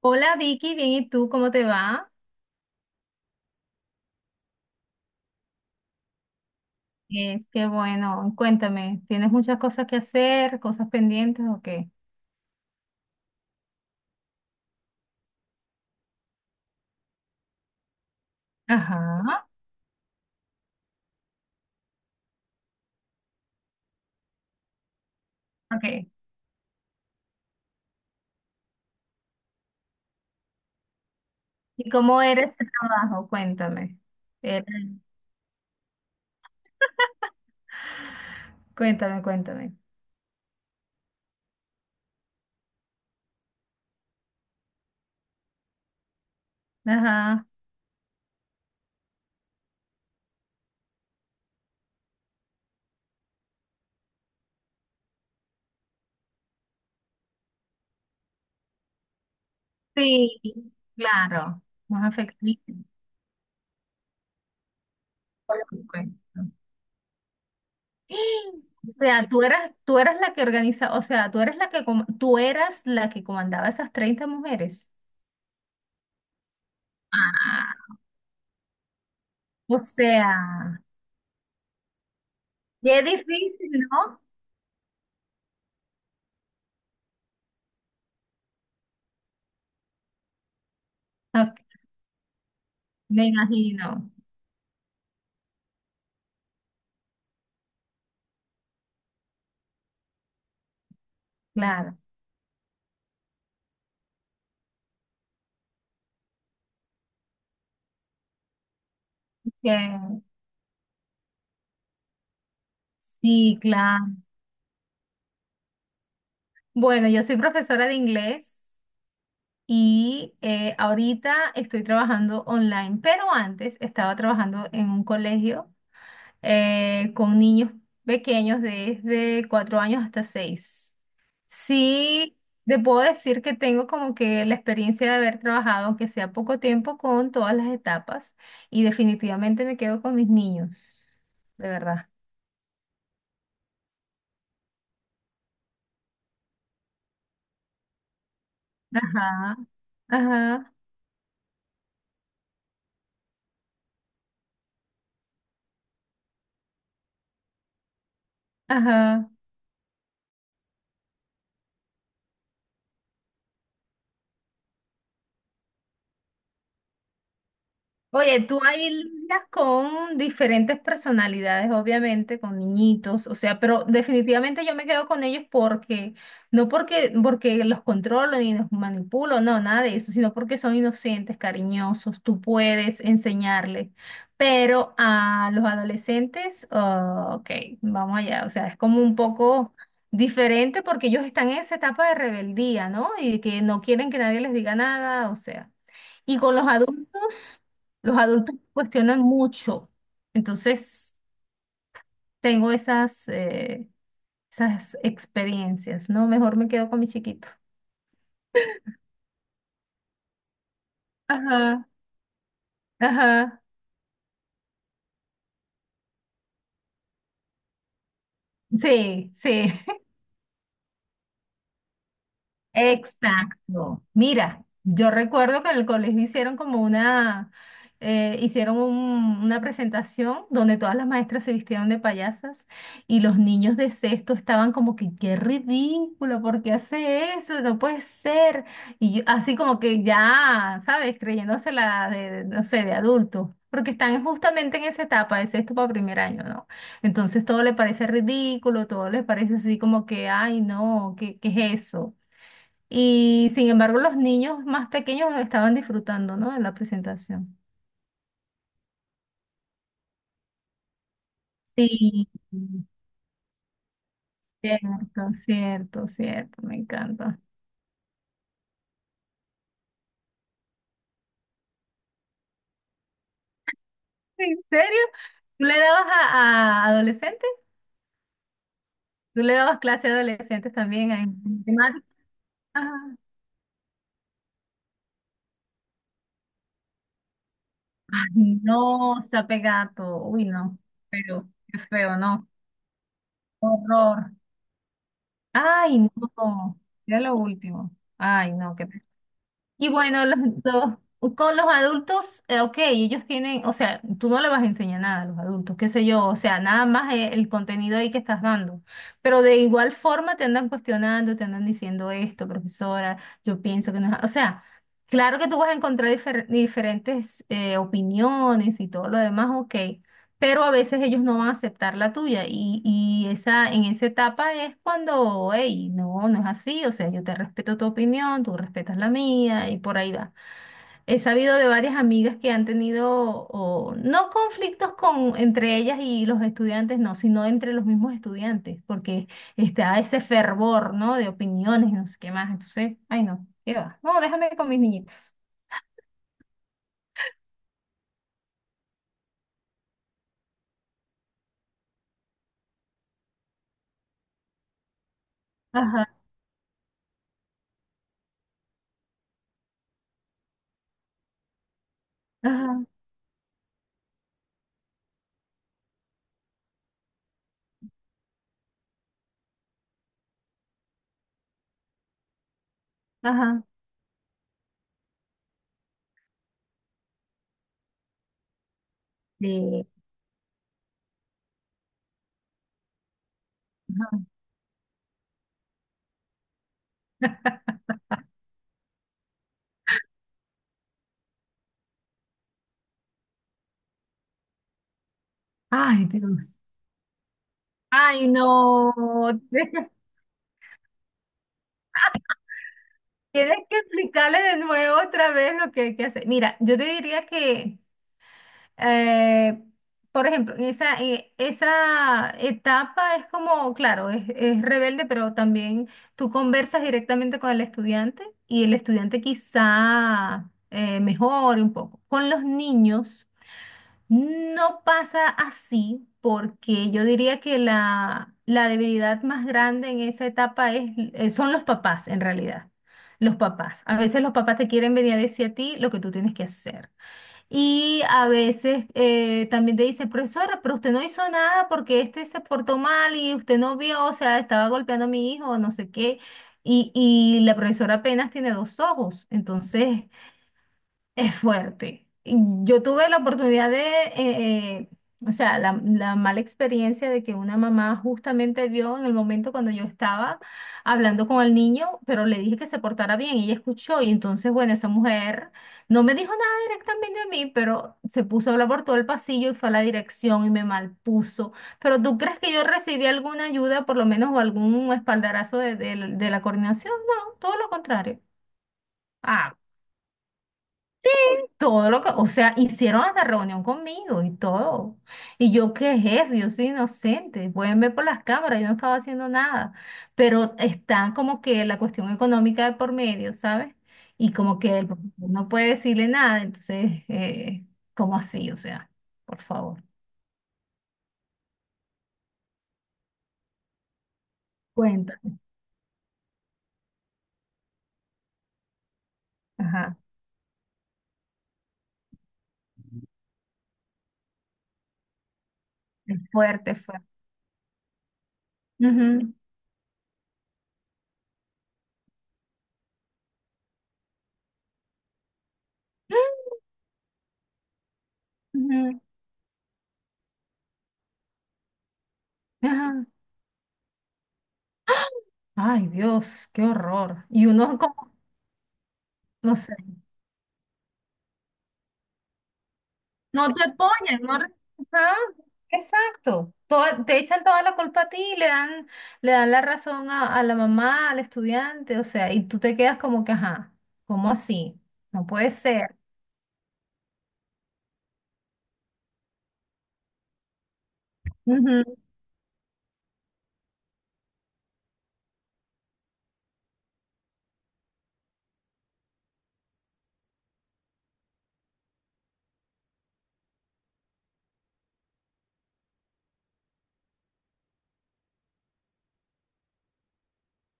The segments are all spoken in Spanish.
Hola Vicky, bien, ¿y tú cómo te va? Es que bueno, cuéntame, ¿tienes muchas cosas que hacer, cosas pendientes o qué? Ajá, ok. ¿Y cómo era ese trabajo? Cuéntame. Era- Cuéntame, cuéntame. Ajá. Sí, claro, más afectivo. Por supuesto. O sea, tú eras la que organiza, o sea, tú eres la que, tú eras la que comandaba esas 30 mujeres. Ah, o sea, qué difícil, ¿no? Ok, me imagino, claro. Que sí, claro. Bueno, yo soy profesora de inglés y ahorita estoy trabajando online, pero antes estaba trabajando en un colegio con niños pequeños desde cuatro años hasta seis. Sí, te puedo decir que tengo como que la experiencia de haber trabajado, aunque sea poco tiempo, con todas las etapas y definitivamente me quedo con mis niños, de verdad. Ajá, ajá, ajá. Oye, tú ahí lidias con diferentes personalidades, obviamente, con niñitos, o sea, pero definitivamente yo me quedo con ellos no porque los controlo ni los manipulo, no, nada de eso, sino porque son inocentes, cariñosos, tú puedes enseñarles. Pero a los adolescentes, ah, ok, vamos allá, o sea, es como un poco diferente porque ellos están en esa etapa de rebeldía, ¿no? Y que no quieren que nadie les diga nada, o sea. Y con los adultos. Los adultos cuestionan mucho, entonces tengo esas, esas experiencias, ¿no? Mejor me quedo con mi chiquito. Ajá. Ajá, sí, sí. Exacto. Mira, yo recuerdo que en el colegio hicieron como una, hicieron una presentación donde todas las maestras se vistieron de payasas y los niños de sexto estaban como que, qué ridículo, ¿por qué hace eso? No puede ser. Así como que ya, ¿sabes? Creyéndose la de, no sé, de adulto. Porque están justamente en esa etapa, de sexto para primer año, ¿no? Entonces todo le parece ridículo, todo les parece así como que, ay, no, ¿qué, qué es eso? Y sin embargo, los niños más pequeños estaban disfrutando, ¿no? De la presentación. Sí, cierto, cierto, cierto, me encanta. ¿En serio? ¿Tú le dabas a adolescentes? ¿Tú le dabas clase a adolescentes también en matemáticas? Ajá. Ay, no, sape gato. Uy, no. Pero qué feo, ¿no? Horror. Ay, no. Ya lo último. Ay, no, qué bueno, con los adultos, ok, ellos tienen, o sea, tú no le vas a enseñar nada a los adultos, qué sé yo, o sea, nada más el contenido ahí que estás dando. Pero de igual forma te andan cuestionando, te andan diciendo esto, profesora, yo pienso que no es, o sea, claro que tú vas a encontrar diferentes opiniones y todo lo demás, ok, pero a veces ellos no van a aceptar la tuya y esa, en esa etapa es cuando, hey, no, no es así, o sea, yo te respeto tu opinión, tú respetas la mía y por ahí va. He sabido de varias amigas que han tenido, o, no conflictos con, entre ellas y los estudiantes, no, sino entre los mismos estudiantes, porque está ese fervor, ¿no? De opiniones, no sé qué más, entonces, ay, no, qué va, no, déjame con mis niñitos. Ajá, ajá, ajá. Sí, ajá. Ay, Dios. Ay, no. Tienes que explicarle de nuevo otra vez lo que hay que hacer. Mira, yo te diría que, eh, por ejemplo, en esa, esa etapa es como, claro, es rebelde, pero también tú conversas directamente con el estudiante y el estudiante quizá mejore un poco. Con los niños. No pasa así porque yo diría que la debilidad más grande en esa etapa es, son los papás, en realidad. Los papás. A veces los papás te quieren venir a decir a ti lo que tú tienes que hacer. Y a veces también te dicen, profesora, pero usted no hizo nada porque este se portó mal y usted no vio, o sea, estaba golpeando a mi hijo, no sé qué. Y la profesora apenas tiene dos ojos. Entonces, es fuerte. Yo tuve la oportunidad de, o sea, la mala experiencia de que una mamá justamente vio en el momento cuando yo estaba hablando con el niño, pero le dije que se portara bien y ella escuchó y entonces, bueno, esa mujer no me dijo nada directamente a mí, pero se puso a hablar por todo el pasillo y fue a la dirección y me malpuso. Pero ¿tú crees que yo recibí alguna ayuda, por lo menos, o algún espaldarazo de, de la coordinación? No, todo lo contrario. Todo lo que, o sea, hicieron hasta reunión conmigo y todo. Y yo, ¿qué es eso? Yo soy inocente. Pueden ver por las cámaras, yo no estaba haciendo nada. Pero está como que la cuestión económica de por medio, ¿sabes? Y como que el profesor no puede decirle nada, entonces, ¿cómo así? O sea, por favor, cuéntame. Ajá, es fuerte, es fuerte. Ujú. Ujú. Ajá. Ay, Dios, qué horror. Y uno como, no sé. No te apoyan, no... re- Ajá, exacto. Te echan toda la culpa a ti, le dan la razón a la mamá, al estudiante, o sea, y tú te quedas como que, ajá, ¿cómo así? No puede ser. Ujú.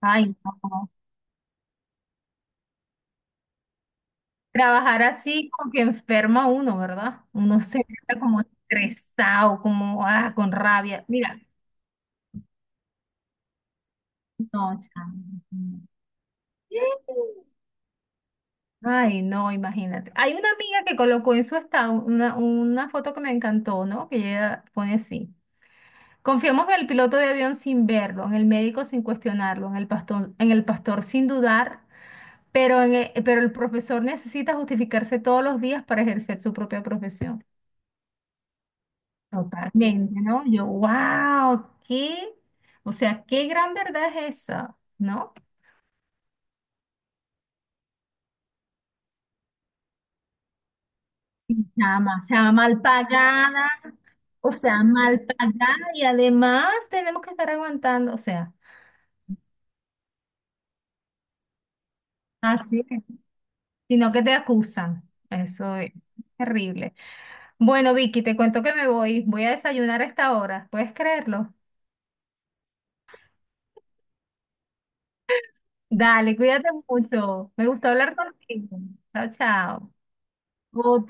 Ay, no. Trabajar así como que enferma uno, ¿verdad? Uno se ve como estresado, como ah, con rabia. Mira, no, chamo. No, no. Ay, no, imagínate. Hay una amiga que colocó en su estado una foto que me encantó, ¿no? Que ella pone así. Confiamos en el piloto de avión sin verlo, en el médico sin cuestionarlo, en el pastor sin dudar, pero, pero el profesor necesita justificarse todos los días para ejercer su propia profesión. Totalmente, ¿no? Yo, wow, qué, o sea, qué gran verdad es esa, ¿no? Sí, chama, chama mal pagada. O sea, mal pagada y además tenemos que estar aguantando, o sea, así es. Sino que te acusan. Eso es terrible. Bueno, Vicky, te cuento que me voy. Voy a desayunar a esta hora. ¿Puedes creerlo? Dale, cuídate mucho. Me gustó hablar contigo. Chao, chao. Ok,